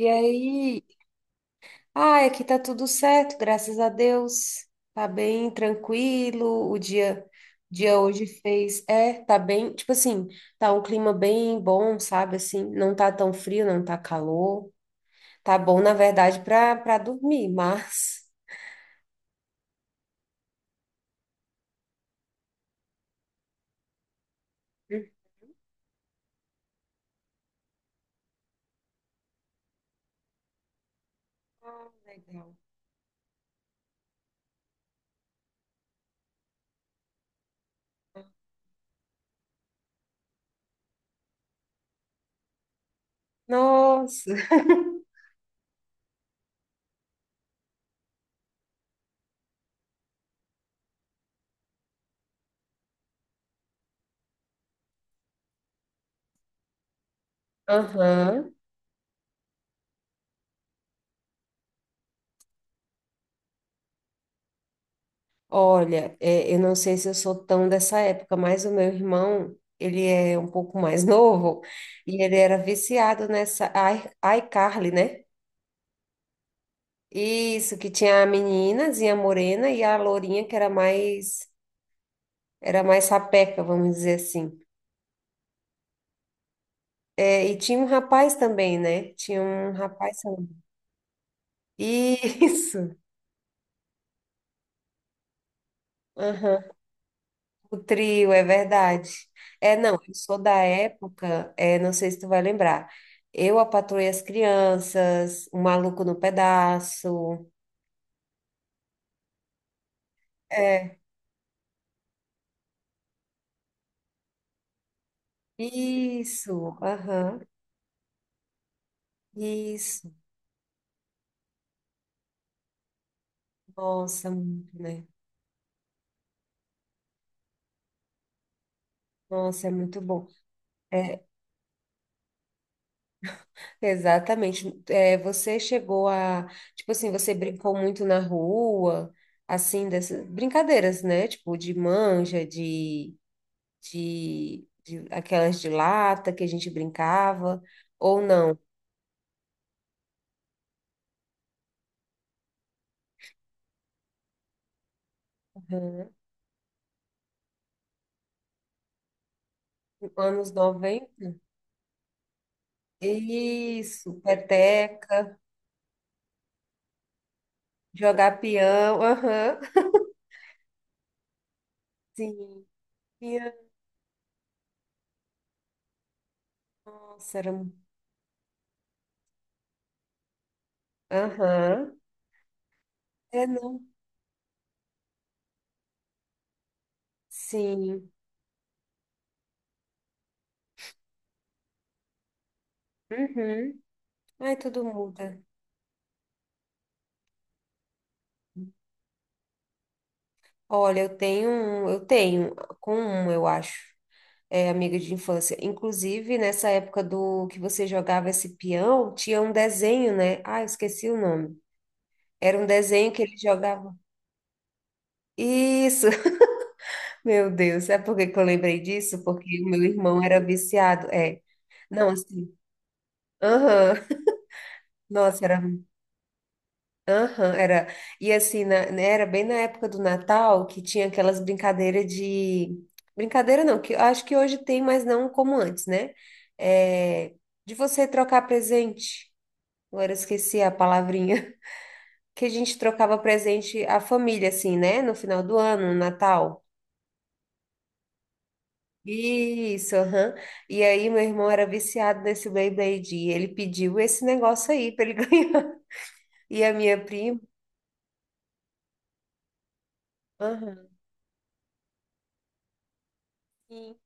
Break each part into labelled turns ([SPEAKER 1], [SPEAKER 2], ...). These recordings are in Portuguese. [SPEAKER 1] E aí, aqui tá tudo certo, graças a Deus. Tá bem tranquilo. O dia hoje fez, é, tá bem, tipo assim, tá um clima bem bom, sabe assim, não tá tão frio, não tá calor. Tá bom, na verdade, para dormir, mas... Ah, legal. Nossa. Aham. Olha, é, eu não sei se eu sou tão dessa época, mas o meu irmão, ele é um pouco mais novo e ele era viciado nessa iCarly, né? Isso, que tinha a meninazinha morena e a lourinha que era mais sapeca, vamos dizer assim. É, e tinha um rapaz também, né? Tinha um rapaz também. Isso, aham. O trio, é verdade. É, não, eu sou da época, é, não sei se tu vai lembrar. Eu, a Patroa as Crianças, O Maluco no Pedaço. É, isso, aham, isso. Nossa, muito, né? Nossa, é muito bom. É, exatamente. É, tipo assim, você brincou muito na rua, assim, dessas brincadeiras, né? Tipo, de manja, de aquelas de lata que a gente brincava, ou não. Aham. Anos 90. Isso, peteca, jogar peão, aham. Sim, peão, nossa, era... Aham, É, não, sim, uhum. Ai, tudo muda. Olha, eu tenho com um, eu acho, é amiga de infância. Inclusive, nessa época do que você jogava esse peão, tinha um desenho, né? Ah, eu esqueci o nome. Era um desenho que ele jogava. Isso, meu Deus, sabe por que que eu lembrei disso? Porque o meu irmão era viciado, é. Não, assim, aham, nossa, era, aham, era, e assim, né, era bem na época do Natal que tinha aquelas brincadeiras de, brincadeira não, que eu acho que hoje tem, mas não como antes, né? É, de você trocar presente, agora eu esqueci a palavrinha, que a gente trocava presente à família, assim, né? No final do ano, no Natal. Isso, aham. E aí, meu irmão era viciado nesse Beyblade. E ele pediu esse negócio aí pra ele ganhar. E a minha prima, aham, Sim.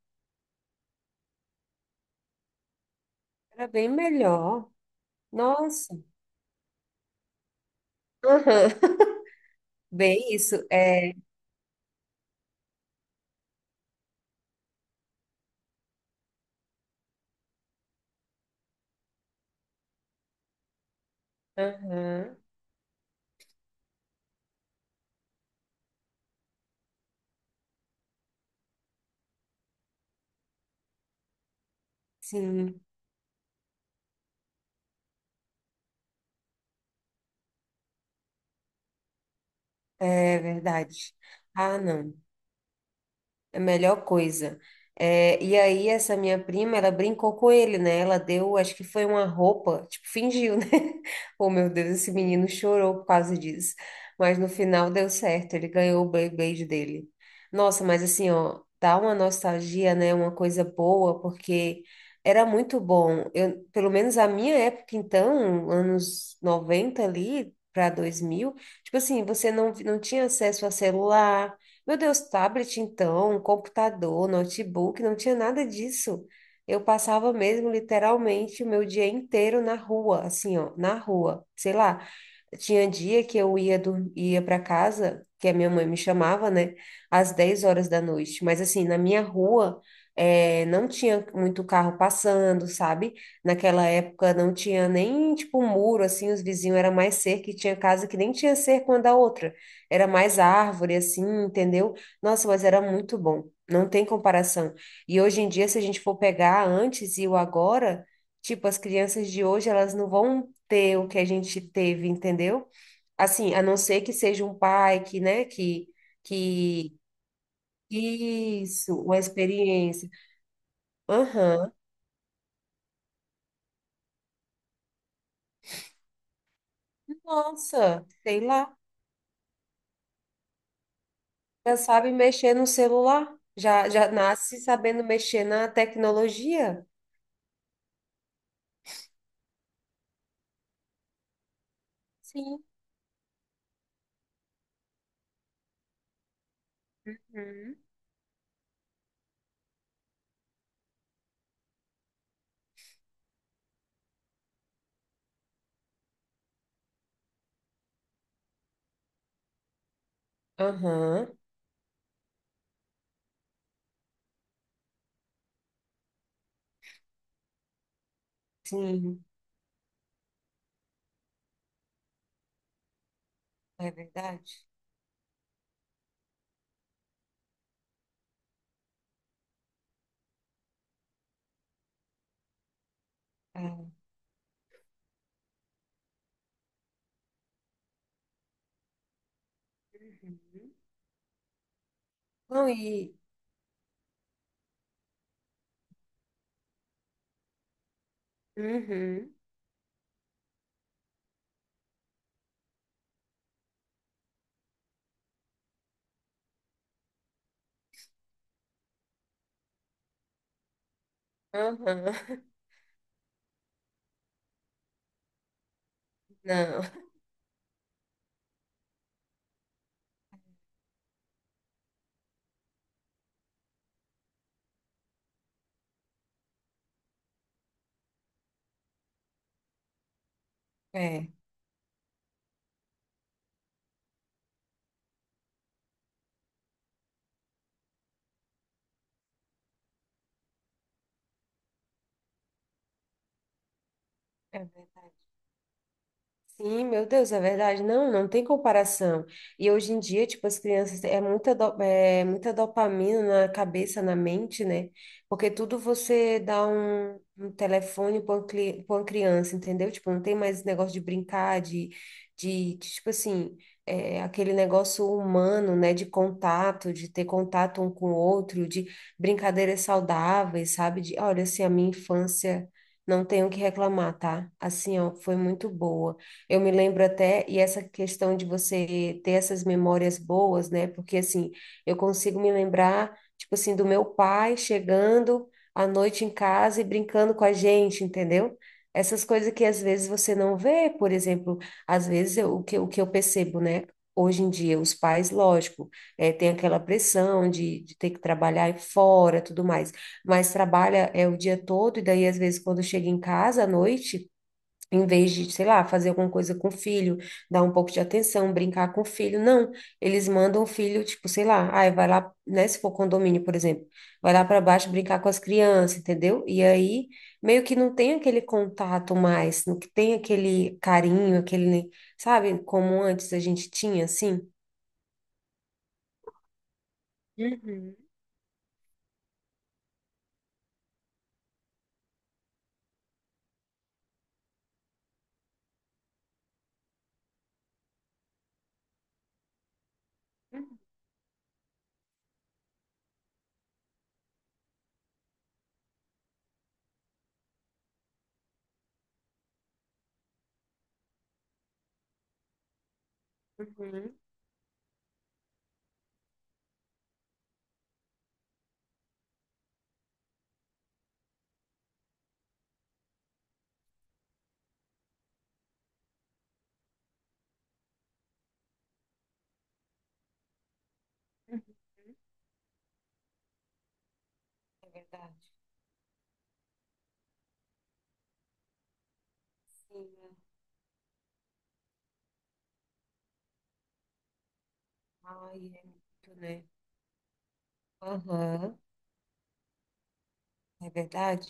[SPEAKER 1] Era bem melhor. Nossa, aham. Bem isso, é. Aham, Sim, é verdade. Ah, não. A melhor coisa. É, e aí, essa minha prima, ela brincou com ele, né? Ela deu, acho que foi uma roupa, tipo, fingiu, né? Oh, meu Deus, esse menino chorou por causa disso. Mas no final deu certo, ele ganhou o Beyblade dele. Nossa, mas assim, ó, dá uma nostalgia, né? Uma coisa boa, porque era muito bom. Eu, pelo menos a minha época, então, anos 90 ali para 2000, tipo assim, você não tinha acesso a celular. Meu Deus, tablet então, computador, notebook, não tinha nada disso. Eu passava mesmo literalmente o meu dia inteiro na rua, assim, ó, na rua. Sei lá, tinha dia que eu ia, ia para casa, que a minha mãe me chamava, né, às 10 horas da noite. Mas assim, na minha rua, não tinha muito carro passando, sabe? Naquela época não tinha nem, tipo, muro, assim, os vizinhos era mais cerca, e tinha casa que nem tinha cerca uma da outra. Era mais árvore, assim, entendeu? Nossa, mas era muito bom. Não tem comparação. E hoje em dia, se a gente for pegar antes e o agora, tipo, as crianças de hoje, elas não vão ter o que a gente teve, entendeu? Assim, a não ser que seja um pai que, né, que isso, uma experiência. Aham. Nossa, sei lá, já sabe mexer no celular, já nasce sabendo mexer na tecnologia. Sim. Uhum. Aham, Sim, é verdade. É. Uhum. Não, e. Uhum. Aham. Não, é, é verdade. Sim, meu Deus, é verdade. Não, não tem comparação. E hoje em dia, tipo, as crianças é muita, é muita dopamina na cabeça, na mente, né? Porque tudo você dá um telefone pra uma criança, entendeu? Tipo, não tem mais esse negócio de brincar, de, tipo assim, é, aquele negócio humano, né? De contato, de ter contato um com o outro, de brincadeiras saudáveis, sabe? Olha, assim, a minha infância. Não tenho o que reclamar, tá? Assim, ó, foi muito boa. Eu me lembro até, e essa questão de você ter essas memórias boas, né? Porque assim, eu consigo me lembrar, tipo assim, do meu pai chegando à noite em casa e brincando com a gente, entendeu? Essas coisas que às vezes você não vê, por exemplo, às vezes o que eu percebo, né? Hoje em dia, os pais, lógico, tem aquela pressão de ter que trabalhar fora, tudo mais, mas trabalha é o dia todo, e daí, às vezes, quando chega em casa à noite. Em vez de, sei lá, fazer alguma coisa com o filho, dar um pouco de atenção, brincar com o filho. Não, eles mandam o filho, tipo, sei lá, ai, vai lá, né? Se for condomínio, por exemplo, vai lá para baixo brincar com as crianças, entendeu? E aí, meio que não tem aquele contato mais, não que tem aquele carinho, aquele, sabe, como antes a gente tinha, assim. Uhum, uhum, uhum, uhum. É verdade. Sim, né? Ai, é muito, né? Aham, é verdade.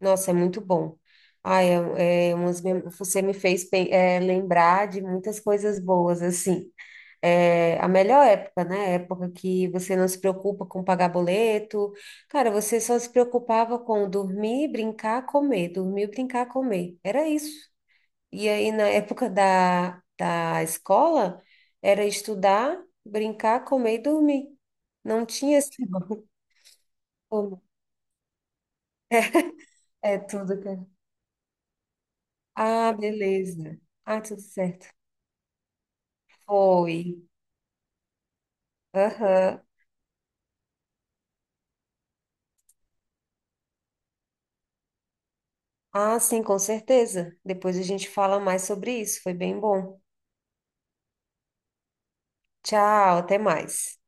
[SPEAKER 1] Nossa, é muito bom. Ai, é você me fez lembrar de muitas coisas boas, assim. É, a melhor época, né? A época que você não se preocupa com pagar boleto. Cara, você só se preocupava com dormir, brincar, comer. Dormir, brincar, comer. Era isso. E aí, na época da escola, era estudar, brincar, comer e dormir. Não tinha esse... É tudo que... é. Ah, beleza. Ah, tudo certo. Foi. Aham. Ah, sim, com certeza. Depois a gente fala mais sobre isso. Foi bem bom. Tchau, até mais.